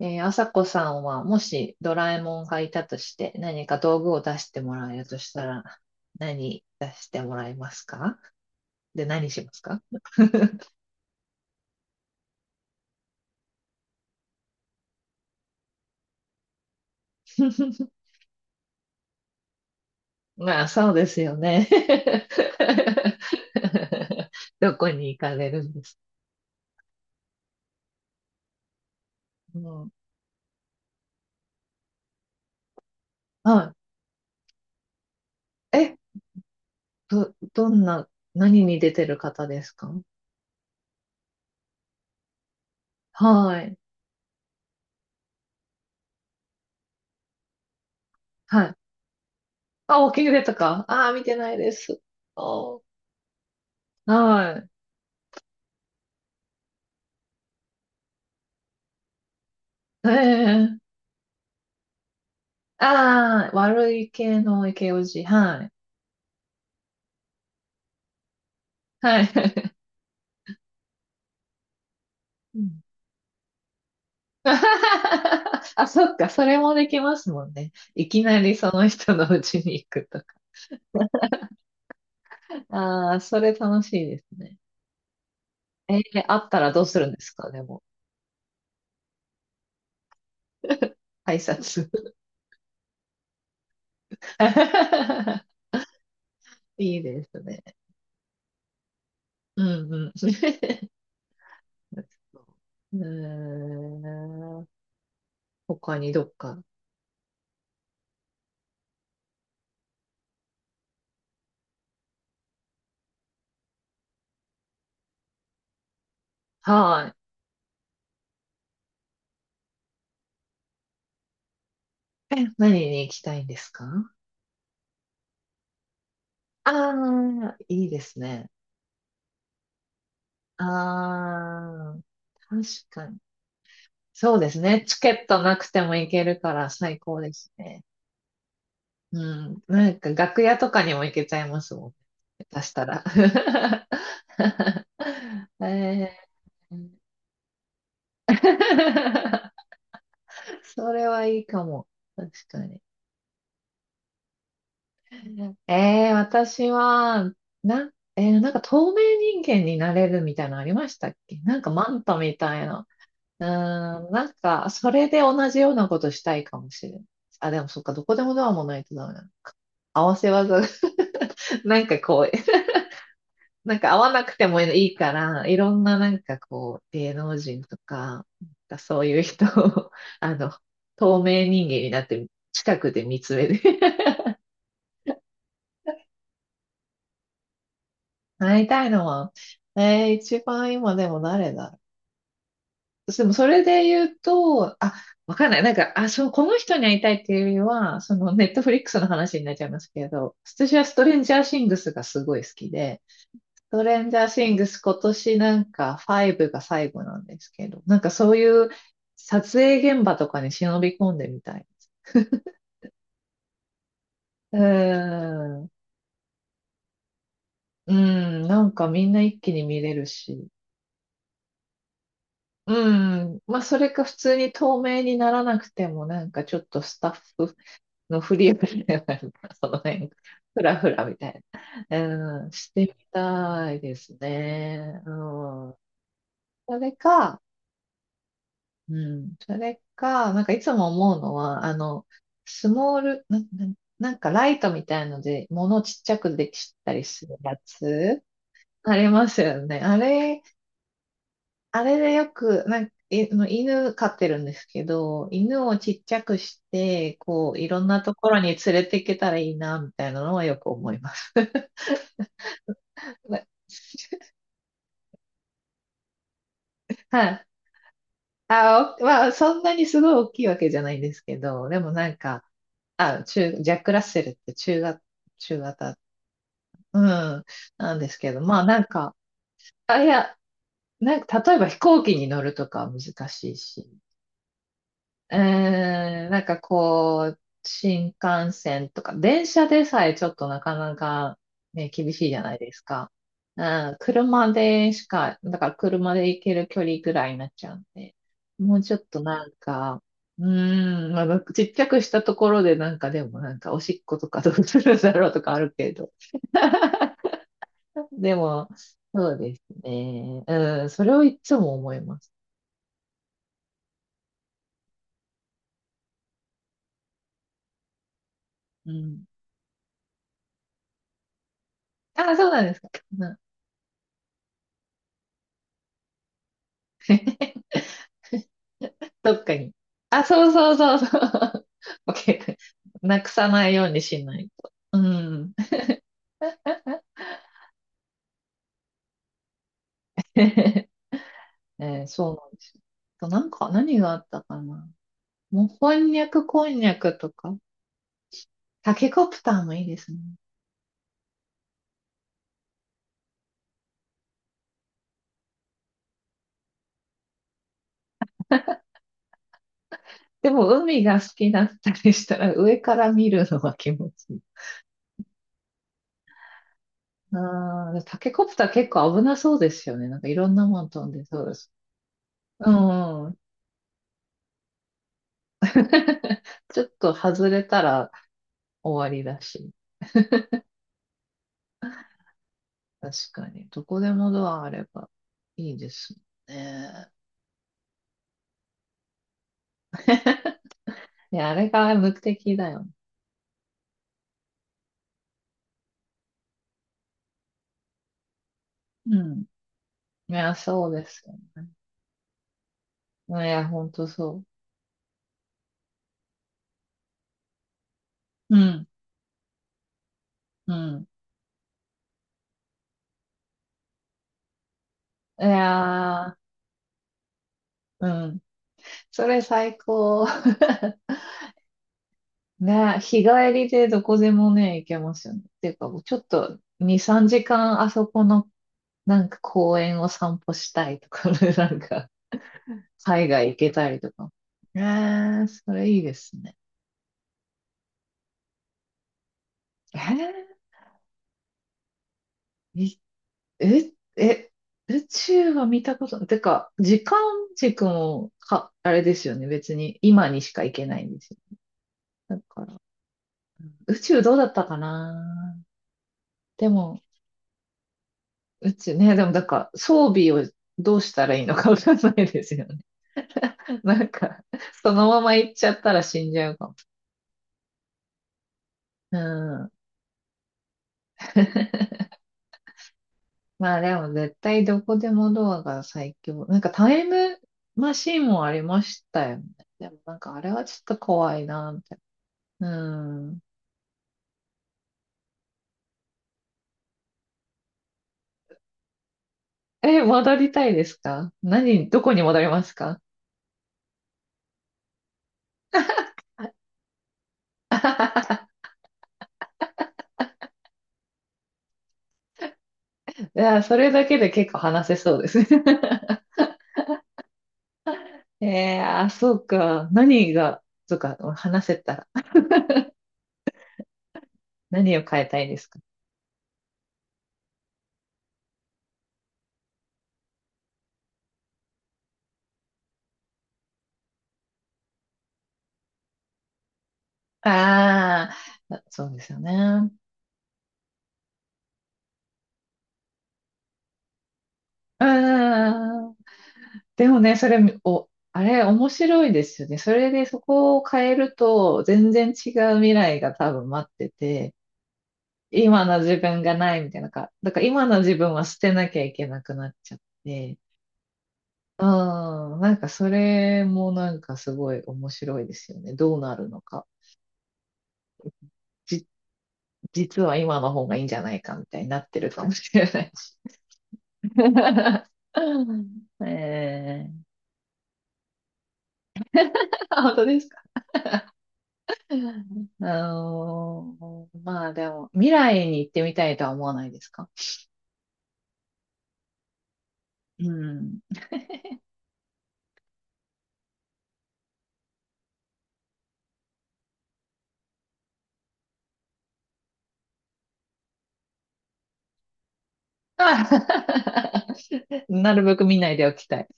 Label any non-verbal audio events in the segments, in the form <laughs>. あさこさんは、もしドラえもんがいたとして、何か道具を出してもらえるとしたら、何出してもらえますか？ <laughs> で、何しますか？ <laughs> まあ、そうですよね。<laughs> どこに行かれるんですか？うん、はい。どんな、何に出てる方ですか？はい。はい。あ、ウォーキングデッドか。ああ、見てないです。おー、はい。ええ、ああ、悪い系のイケオジ。はい。はい。うん。 <laughs>。あ、そっか、それもできますもんね。いきなりその人の家に行くとか。ああ、それ楽しいですね。えー、あったらどうするんですか、でも。挨拶。<laughs> いいですね。うんうん。<laughs> うーん。他にどっか。はい。何に行きたいんですか？ああー、いいですね。ああ、確かに。そうですね。チケットなくても行けるから最高ですね。うん。なんか楽屋とかにも行けちゃいますもんね、下手したら。<laughs> えー <laughs> それはいいかも。確かに。私は、なんか透明人間になれるみたいなのありましたっけ？なんかマンタみたいな。うーん、なんか、それで同じようなことしたいかもしれん。あ、でもそっか、どこでもドアもないとダメな合わせ技が、<laughs> なんかこう、なんか合わなくてもいいから、いろんななんかこう、芸能人とか、なんかそういう人を、<laughs> あの、透明人間になって、近くで見つめて。 <laughs> なりたいのは、一番今でも誰だ。でもそれで言うと、あ、わかんない。なんか、あ、そう、この人に会いたいっていうよりは、そのネットフリックスの話になっちゃいますけど、私はストレンジャーシングスがすごい好きで、ストレンジャーシングス今年なんか5が最後なんですけど、なんかそういう撮影現場とかに忍び込んでみたい。うーん、うん、なんかみんな一気に見れるし、うん、まあそれか普通に透明にならなくてもなんかちょっとスタッフのフリープレイなるか、その辺、ふらふらみたいな、うん、してみたいですね。うん。それか、うん、それか、なんかいつも思うのは、スモール、な、なんかライトみたいので、物をちっちゃくできたりするやつ、ありますよね。あれでよく、なんか、いあの犬飼ってるんですけど、犬をちっちゃくして、こう、いろんなところに連れて行けたらいいな、みたいなのはよく思います。な <laughs> はい。あ、おまあ、そんなにすごい大きいわけじゃないんですけど、でもなんか、あ、ジャック・ラッセルって中型、うん、なんですけど、まあなんか、あ、いや、なんか、例えば飛行機に乗るとかは難しいし、うーん、なんかこう、新幹線とか、電車でさえちょっとなかなかね、厳しいじゃないですか。うん、車でしか、だから車で行ける距離ぐらいになっちゃうんで、もうちょっとなんか、うーん、まあ、ちっちゃくしたところでなんかでもなんかおしっことかどうするんだろうとかあるけど。でも、そうですね。うん、それをいつも思います。うん。あ、そうなんですか。うん。 <laughs> どっかに。あ、そうそうそうそう。<laughs> オッケー、なくさないようにしないと。うん。<laughs> えそうなんですよ。あとなんか、何があったかな。もう、こんにゃくこんにゃくとか、タケコプターもいいですね。でも、海が好きだったりしたら、上から見るのは気持ちいい。ああ、タケコプター結構危なそうですよね。なんかいろんなもん飛んでそうです。うん。<laughs> ちょっと外れたら終わりだし。確かに。どこでもドアあればいいですもんね。<laughs> いや、あれが目的だよね。うん。いや、そうですよね。いや、ほんとそう。うん。うん。いやー、うん。それ最高。ね、日帰りでどこでもね、行けますよね。っていうか、ちょっと2、3時間あそこのなんか公園を散歩したいとか、 <laughs> なんか海外行けたりとか。それいいですね。えー、え、え、宇宙は見たこと、てか、時間軸もか、あれですよね。別に今にしか行けないんですよ。だから、うん、宇宙どうだったかな。でも、宇宙ね、でもだから装備をどうしたらいいのかわかんないですよね。<laughs> なんか、そのまま行っちゃったら死んじゃうかも。うん。<laughs> まあでも絶対どこでもドアが最強。なんかタイムマシンもありましたよね。でもなんかあれはちょっと怖いな。うん。戻りたいですか？何、どこに戻りますか？ <laughs> いや、それだけで結構話せそうですね。<laughs> あ、そうか。何が、そうか、話せたら。何を変えたいですか？ああ、そうですよね。うん。でもね、それ、あれ、面白いですよね。それでそこを変えると、全然違う未来が多分待ってて、今の自分がないみたいなか、だから今の自分は捨てなきゃいけなくなっちゃって、うん、なんかそれもなんかすごい面白いですよね。どうなるのか。じ、実は今の方がいいんじゃないかみたいになってるかもしれない。<laughs> えー、<laughs> 本当ですか。あのまあでも、未来に行ってみたいとは思わないですか？うん。<laughs> なるべく見ないでおきたい。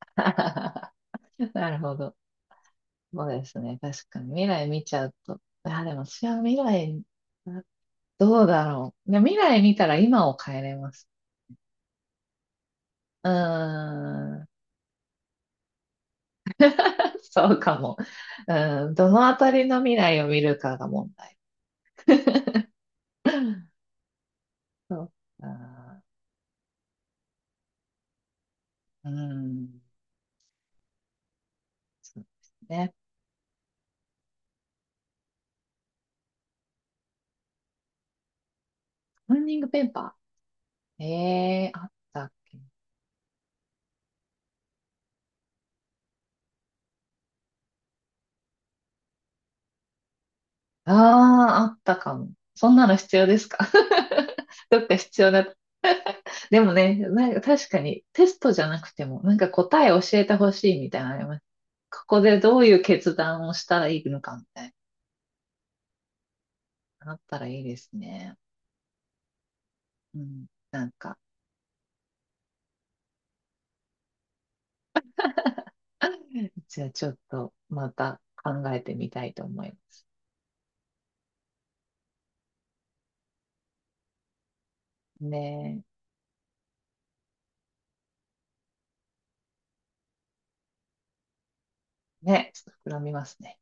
<laughs> なるほど。そうですね。確かに。未来見ちゃうと。いや、でも私は未来、あどうだろう。いや、未来見たら今を変えれます。うーん。<laughs> そうかも。うん。どのあたりの未来を見るかが問題。<laughs> そうか。うん。そうですね。ランニングペーパー。あったっけ？あああったかも。そんなの必要ですか？ <laughs> どっか必要だ。でもね、なんか確かにテストじゃなくても、なんか答え教えてほしいみたいなのあります。ここでどういう決断をしたらいいのかみたいな、あったらいいですね。うん。なんか、じゃあちょっとまた考えてみたいと思います。ねえ、ねちょっと膨らみますね。